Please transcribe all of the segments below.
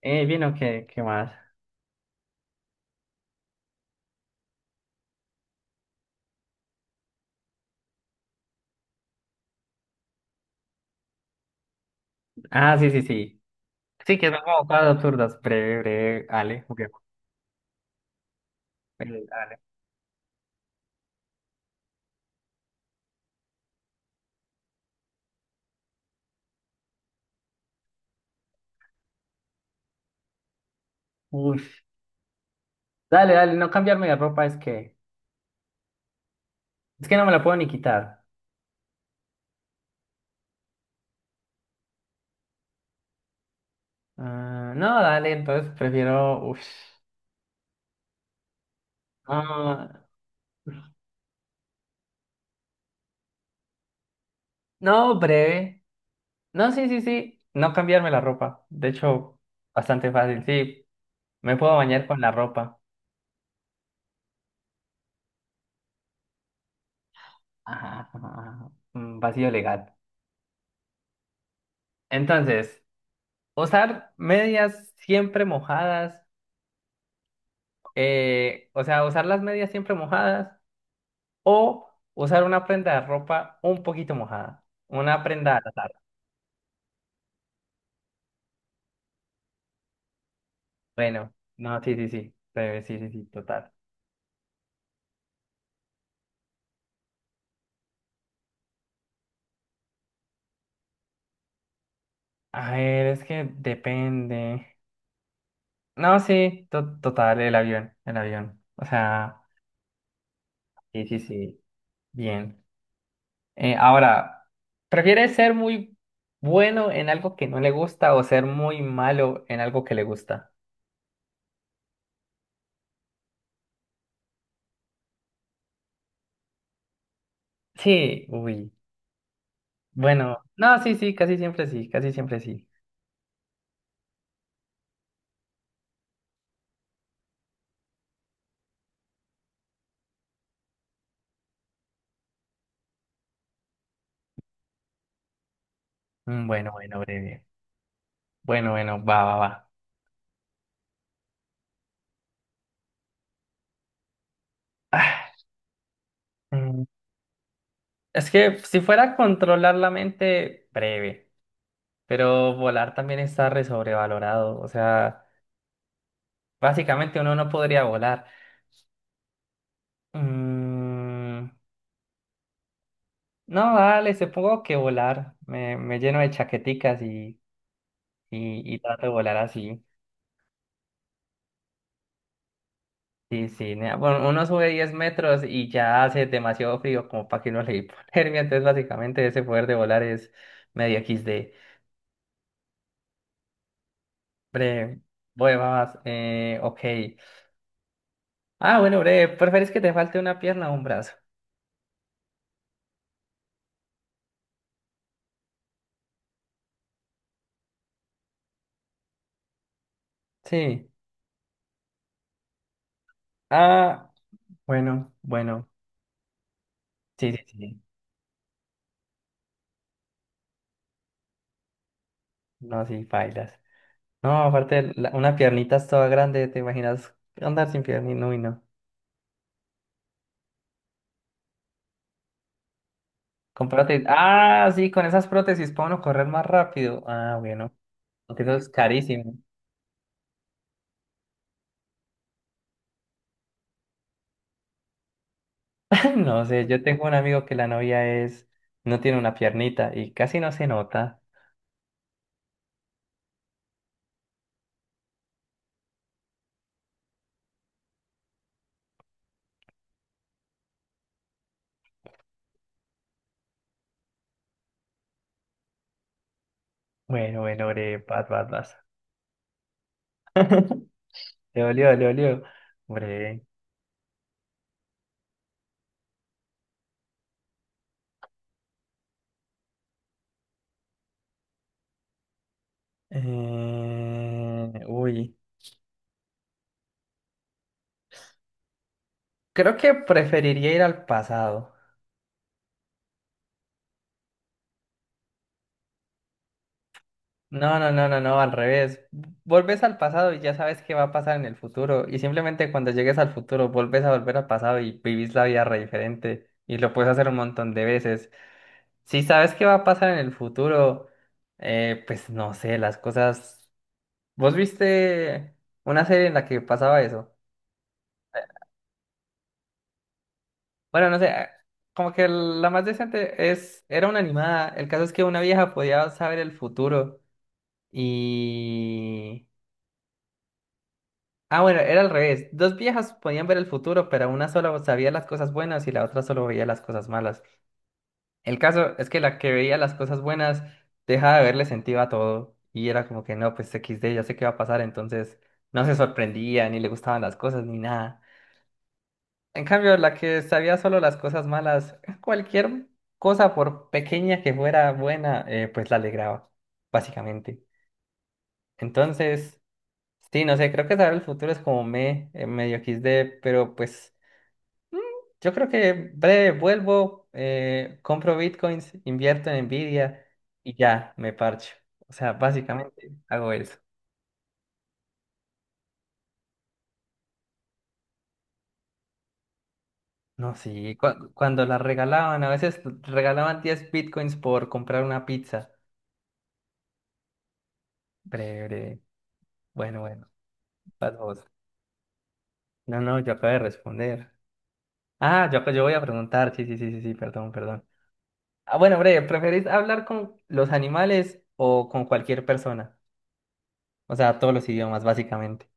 Bien, ¿o qué? ¿Qué más? Ah, sí, sí, sí. Sí, que son como cosas absurdas. Breve, breve, Ale. Ok. Dale. Uy. Dale, dale, no cambiarme la ropa es que... Es que no me la puedo ni quitar. Ah, no, dale, entonces prefiero... Uy. Ah, no, breve. No, sí, sí, sí. No cambiarme la ropa. De hecho, bastante fácil. Sí, me puedo bañar con la ropa. Ajá, ajá, ajá. Mm, vacío legal. Entonces, usar medias siempre mojadas. O sea, usar las medias siempre mojadas o usar una prenda de ropa un poquito mojada. Una prenda al azar. Bueno, no, sí, sí, sí. Sí, sí, sí, total. A ver, es que depende. No, sí, total, el avión, el avión. O sea, sí, sí, sí. Bien. Ahora, ¿prefieres ser muy bueno en algo que no le gusta o ser muy malo en algo que le gusta? Sí, uy. Bueno, no, sí, sí, casi siempre sí, casi siempre sí. Mm, bueno, bueno, breve. Bueno, bueno, va, va, va. Ah, mm, es que si fuera controlar la mente, breve. Pero volar también está re sobrevalorado. O sea, básicamente uno no podría volar. Mm, no, dale, supongo que volar. Me lleno de chaqueticas y, y trato de volar así. Sí, sí. Nea, bueno, uno sube 10 metros y ya hace demasiado frío como para que uno le dé hipotermia. Entonces, básicamente, ese poder de volar es medio equis de... Bre, voy, vas, ok. Ah, bueno, bre, ¿preferís que te falte una pierna o un brazo? Sí. Ah, bueno, bueno. Sí, sí, sí. No, sí, bailas. No, aparte, una piernita es toda grande, ¿te imaginas andar sin piernina? Uy, no. Con prótesis. Ah, sí, con esas prótesis puedo uno correr más rápido. Ah, bueno. Aunque eso es carísimo. No sé, yo tengo un amigo que la novia es, no tiene una piernita y casi no se nota. Bueno, bueno, bre, vas, vas, vas. Le olió, le olió. Hombre. Uy. Creo que preferiría ir al pasado. No, no, no, no, no, al revés. Volves al pasado y ya sabes qué va a pasar en el futuro. Y simplemente cuando llegues al futuro, volves a volver al pasado y vivís la vida re diferente. Y lo puedes hacer un montón de veces. Si sabes qué va a pasar en el futuro, pues no sé, las cosas. ¿Vos viste una serie en la que pasaba eso? Bueno, no sé, como que la más decente es, era una animada. El caso es que una vieja podía saber el futuro y... Ah, bueno, era al revés. Dos viejas podían ver el futuro, pero una solo sabía las cosas buenas y la otra solo veía las cosas malas. El caso es que la que veía las cosas buenas dejaba de verle sentido a todo y era como que no, pues equis de ya sé qué va a pasar, entonces no se sorprendía, ni le gustaban las cosas, ni nada. En cambio, la que sabía solo las cosas malas, cualquier cosa por pequeña que fuera buena, pues la alegraba, básicamente. Entonces, sí, no sé, creo que saber el futuro es como me, medio XD, pero pues yo creo que breve vuelvo, compro bitcoins, invierto en Nvidia y ya, me parcho. O sea, básicamente hago eso. No, sí, cuando las regalaban, a veces regalaban 10 bitcoins por comprar una pizza. Breve, breve. Bueno, bueno. Vas vos. No, no, yo acabo de responder. Ah, yo voy a preguntar. Sí, sí, sí, sí, sí, perdón, perdón. Ah, bueno, breve, ¿preferís hablar con los animales o con cualquier persona? O sea, todos los idiomas, básicamente.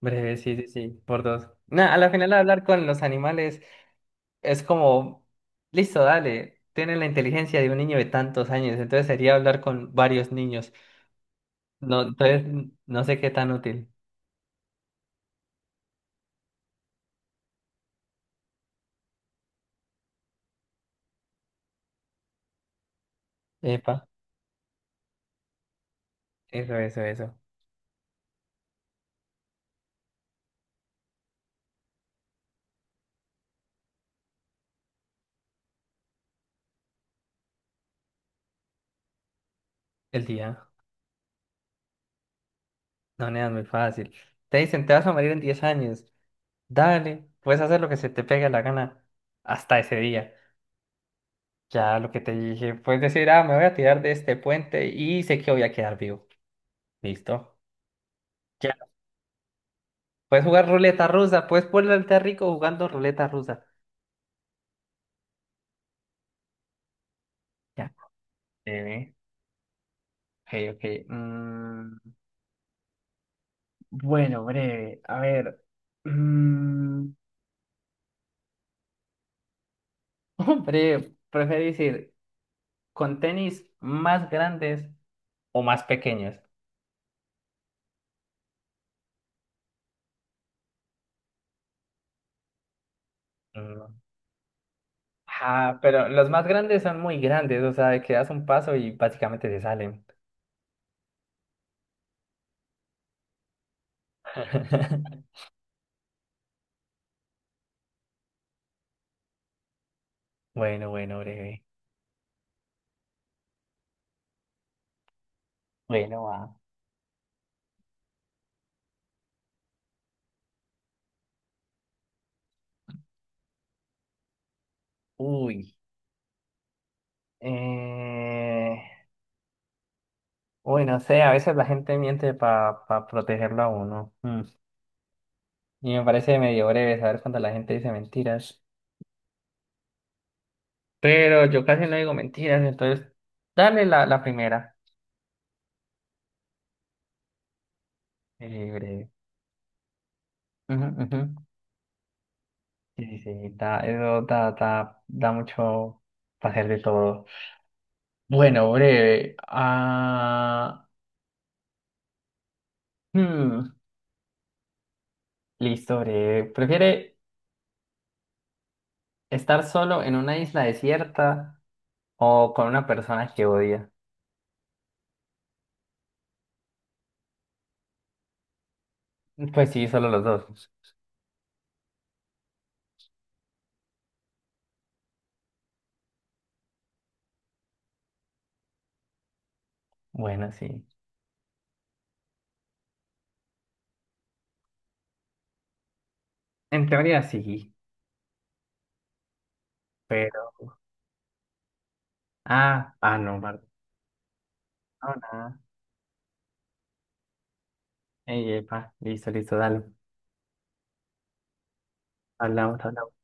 Breve, sí, sí, sí, por dos. Nah, a la final hablar con los animales es como, listo, dale, tienen la inteligencia de un niño de tantos años, entonces sería hablar con varios niños. No, entonces, no sé qué tan útil. Epa, eso, eso, eso. El día. No, nena, es muy fácil. Te dicen, te vas a morir en 10 años. Dale, puedes hacer lo que se te pegue la gana hasta ese día. Ya lo que te dije, puedes decir, ah, me voy a tirar de este puente y sé que voy a quedar vivo. Listo. Ya. Puedes jugar ruleta rusa, puedes ponerte rico jugando ruleta rusa. Ya. Breve. Ok, ok. Mm, bueno, breve. A ver. mm, hombre, prefiero decir, con tenis más grandes o más pequeños. Mm. Ajá, pero los más grandes son muy grandes, o sea, de que das un paso y básicamente se salen. Bueno, bueno, breve. Bueno, va. Uy. Eh... Uy, no sé, a veces la gente miente para protegerlo a uno. Mm. Y me parece medio breve saber cuando la gente dice mentiras. Pero yo casi no digo mentiras, entonces dale la primera. Breve. Ujú, ujú. Sí, sí, sí, da, eso da, da, da mucho para hacer de todo. Bueno, breve. Hmm, Listo, breve. ¿Prefiere estar solo en una isla desierta o con una persona que odia? Pues sí, solo los dos. Bueno, sí. En teoría sí, pero... Ah, ah, no, Barcelona. Ey, epa, listo, listo, dale. Hablamos, hablamos.